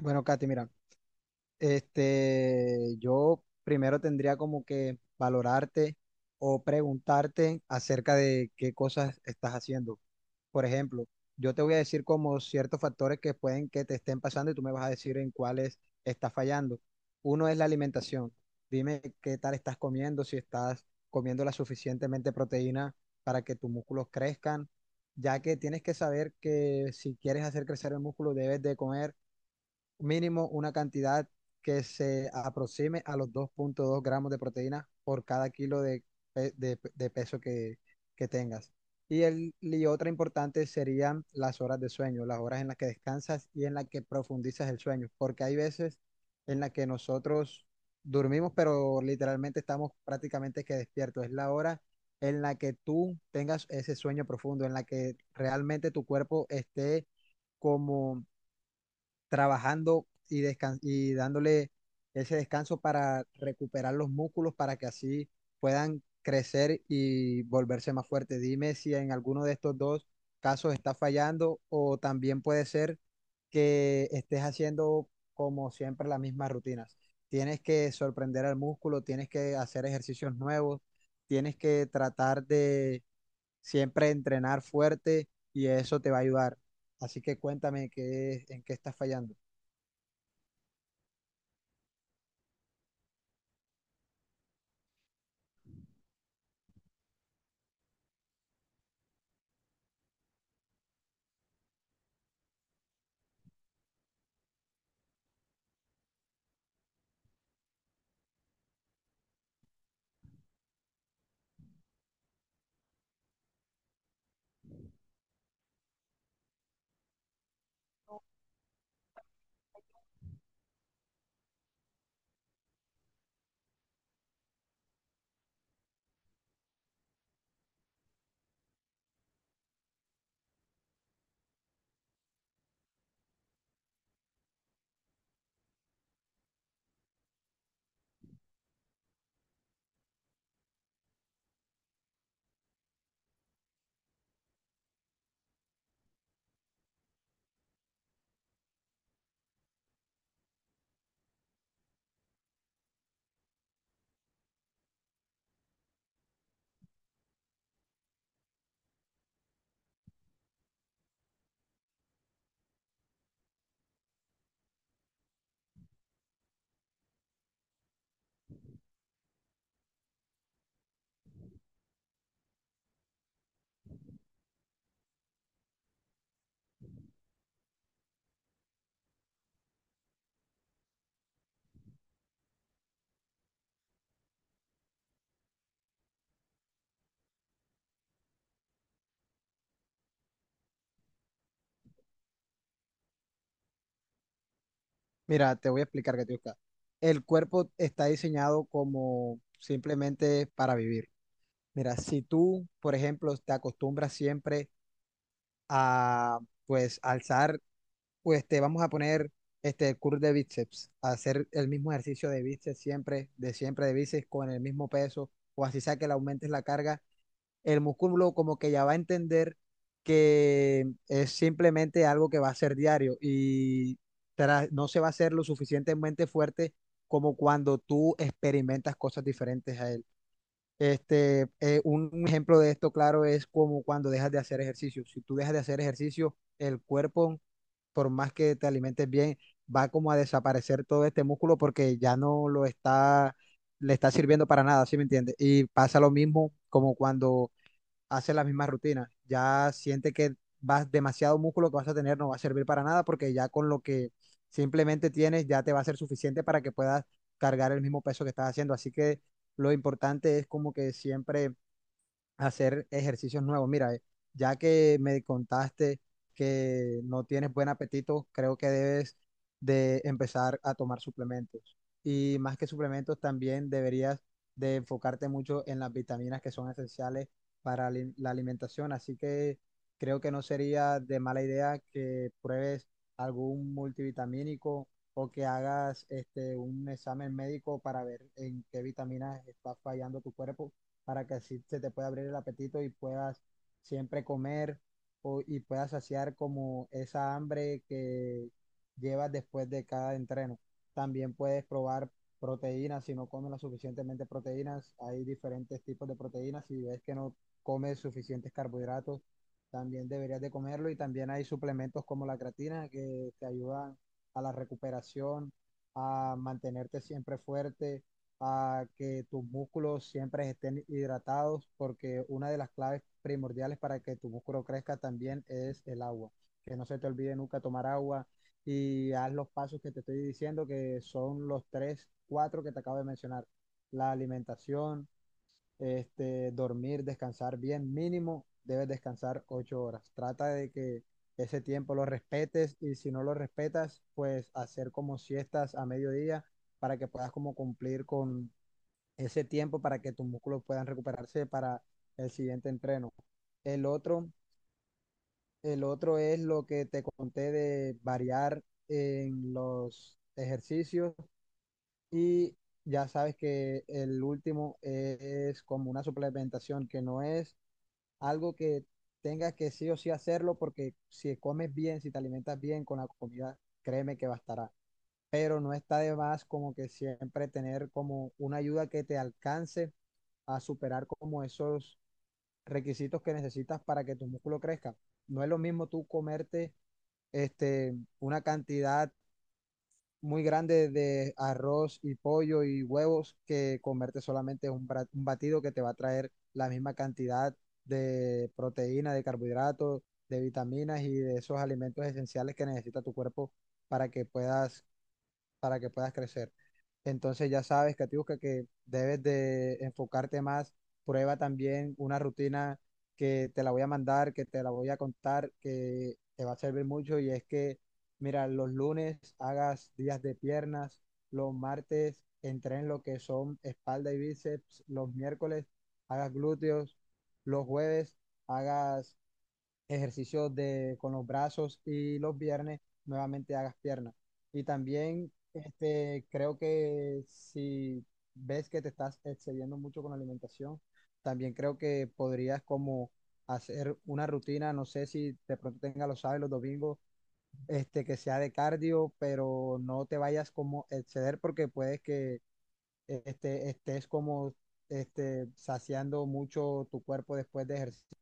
Bueno, Katy, mira, yo primero tendría como que valorarte o preguntarte acerca de qué cosas estás haciendo. Por ejemplo, yo te voy a decir como ciertos factores que pueden que te estén pasando y tú me vas a decir en cuáles estás fallando. Uno es la alimentación. Dime qué tal estás comiendo, si estás comiendo la suficientemente proteína para que tus músculos crezcan, ya que tienes que saber que si quieres hacer crecer el músculo debes de comer mínimo una cantidad que se aproxime a los 2,2 gramos de proteína por cada kilo de, de peso que tengas. Y otra importante serían las horas de sueño, las horas en las que descansas y en las que profundizas el sueño, porque hay veces en las que nosotros dormimos, pero literalmente estamos prácticamente que despiertos. Es la hora en la que tú tengas ese sueño profundo, en la que realmente tu cuerpo esté como trabajando y, y dándole ese descanso para recuperar los músculos para que así puedan crecer y volverse más fuertes. Dime si en alguno de estos dos casos está fallando o también puede ser que estés haciendo como siempre las mismas rutinas. Tienes que sorprender al músculo, tienes que hacer ejercicios nuevos, tienes que tratar de siempre entrenar fuerte y eso te va a ayudar. Así que cuéntame en qué estás fallando. Mira, te voy a explicar, Katiuska. El cuerpo está diseñado como simplemente para vivir. Mira, si tú, por ejemplo, te acostumbras siempre a, pues, alzar, pues, te vamos a poner el curl de bíceps, a hacer el mismo ejercicio de bíceps siempre de bíceps con el mismo peso, o así sea que le aumentes la carga, el músculo como que ya va a entender que es simplemente algo que va a ser diario y no se va a hacer lo suficientemente fuerte como cuando tú experimentas cosas diferentes a él. Un ejemplo de esto, claro, es como cuando dejas de hacer ejercicio. Si tú dejas de hacer ejercicio, el cuerpo, por más que te alimentes bien, va como a desaparecer todo este músculo porque ya no lo está, le está sirviendo para nada, ¿sí me entiendes? Y pasa lo mismo como cuando haces la misma rutina. Ya siente que vas demasiado músculo que vas a tener no va a servir para nada porque ya con lo que simplemente tienes ya te va a ser suficiente para que puedas cargar el mismo peso que estás haciendo. Así que lo importante es como que siempre hacer ejercicios nuevos. Mira, ya que me contaste que no tienes buen apetito, creo que debes de empezar a tomar suplementos. Y más que suplementos, también deberías de enfocarte mucho en las vitaminas que son esenciales para la alimentación. Así que creo que no sería de mala idea que pruebes algún multivitamínico o que hagas un examen médico para ver en qué vitaminas está fallando tu cuerpo para que así se te pueda abrir el apetito y puedas siempre comer y puedas saciar como esa hambre que llevas después de cada entreno. También puedes probar proteínas, si no comes lo suficientemente proteínas, hay diferentes tipos de proteínas, si ves que no comes suficientes carbohidratos, también deberías de comerlo y también hay suplementos como la creatina que te ayudan a la recuperación, a mantenerte siempre fuerte a que tus músculos siempre estén hidratados, porque una de las claves primordiales para que tu músculo crezca también es el agua. Que no se te olvide nunca tomar agua y haz los pasos que te estoy diciendo, que son los tres, cuatro que te acabo de mencionar. La alimentación, dormir, descansar bien, mínimo debes descansar 8 horas. Trata de que ese tiempo lo respetes y si no lo respetas, pues hacer como siestas a mediodía para que puedas como cumplir con ese tiempo para que tus músculos puedan recuperarse para el siguiente entreno. El otro, el otro es lo que te conté de variar en los ejercicios y ya sabes que el último es como una suplementación que no es algo que tengas que sí o sí hacerlo porque si comes bien, si te alimentas bien con la comida, créeme que bastará pero no está de más como que siempre tener como una ayuda que te alcance a superar como esos requisitos que necesitas para que tu músculo crezca. No es lo mismo tú comerte una cantidad muy grande de arroz y pollo y huevos que comerte solamente un batido que te va a traer la misma cantidad de proteína, de carbohidratos, de vitaminas y de esos alimentos esenciales que necesita tu cuerpo para que puedas crecer. Entonces ya sabes, Catiusca, que debes de enfocarte más. Prueba también una rutina que te la voy a mandar, que te la voy a contar, que te va a servir mucho. Y es que, mira, los lunes hagas días de piernas, los martes entren lo que son espalda y bíceps, los miércoles hagas glúteos, los jueves hagas ejercicios de, con los brazos y los viernes nuevamente hagas piernas. Y también creo que si ves que te estás excediendo mucho con la alimentación, también creo que podrías como hacer una rutina, no sé si de pronto tengas los sábados y los domingos, que sea de cardio, pero no te vayas como exceder porque puedes que estés como saciando mucho tu cuerpo después de ejercicio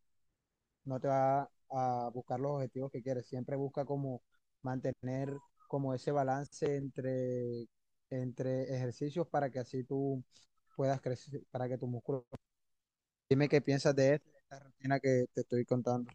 no te va a buscar los objetivos que quieres. Siempre busca como mantener como ese balance entre ejercicios para que así tú puedas crecer, para que tu músculo... Dime qué piensas de esto, de esta rutina que te estoy contando.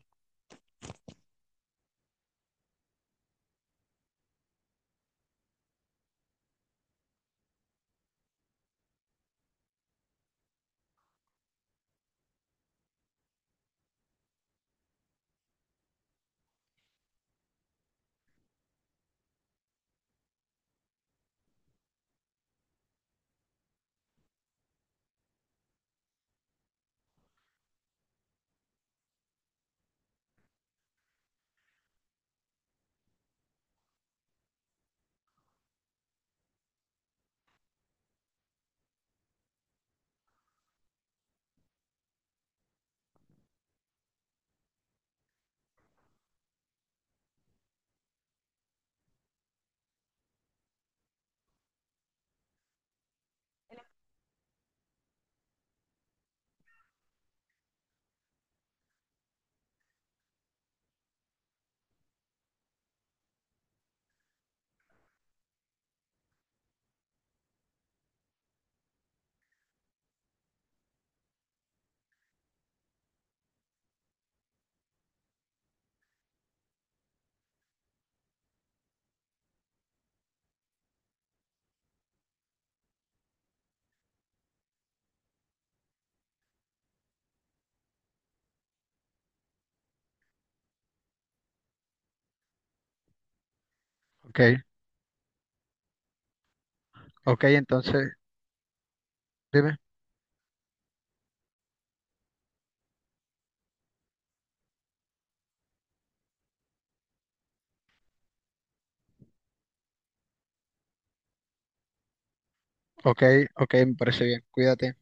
Ok, ok, entonces, dime. Ok, ok, me parece bien. Cuídate.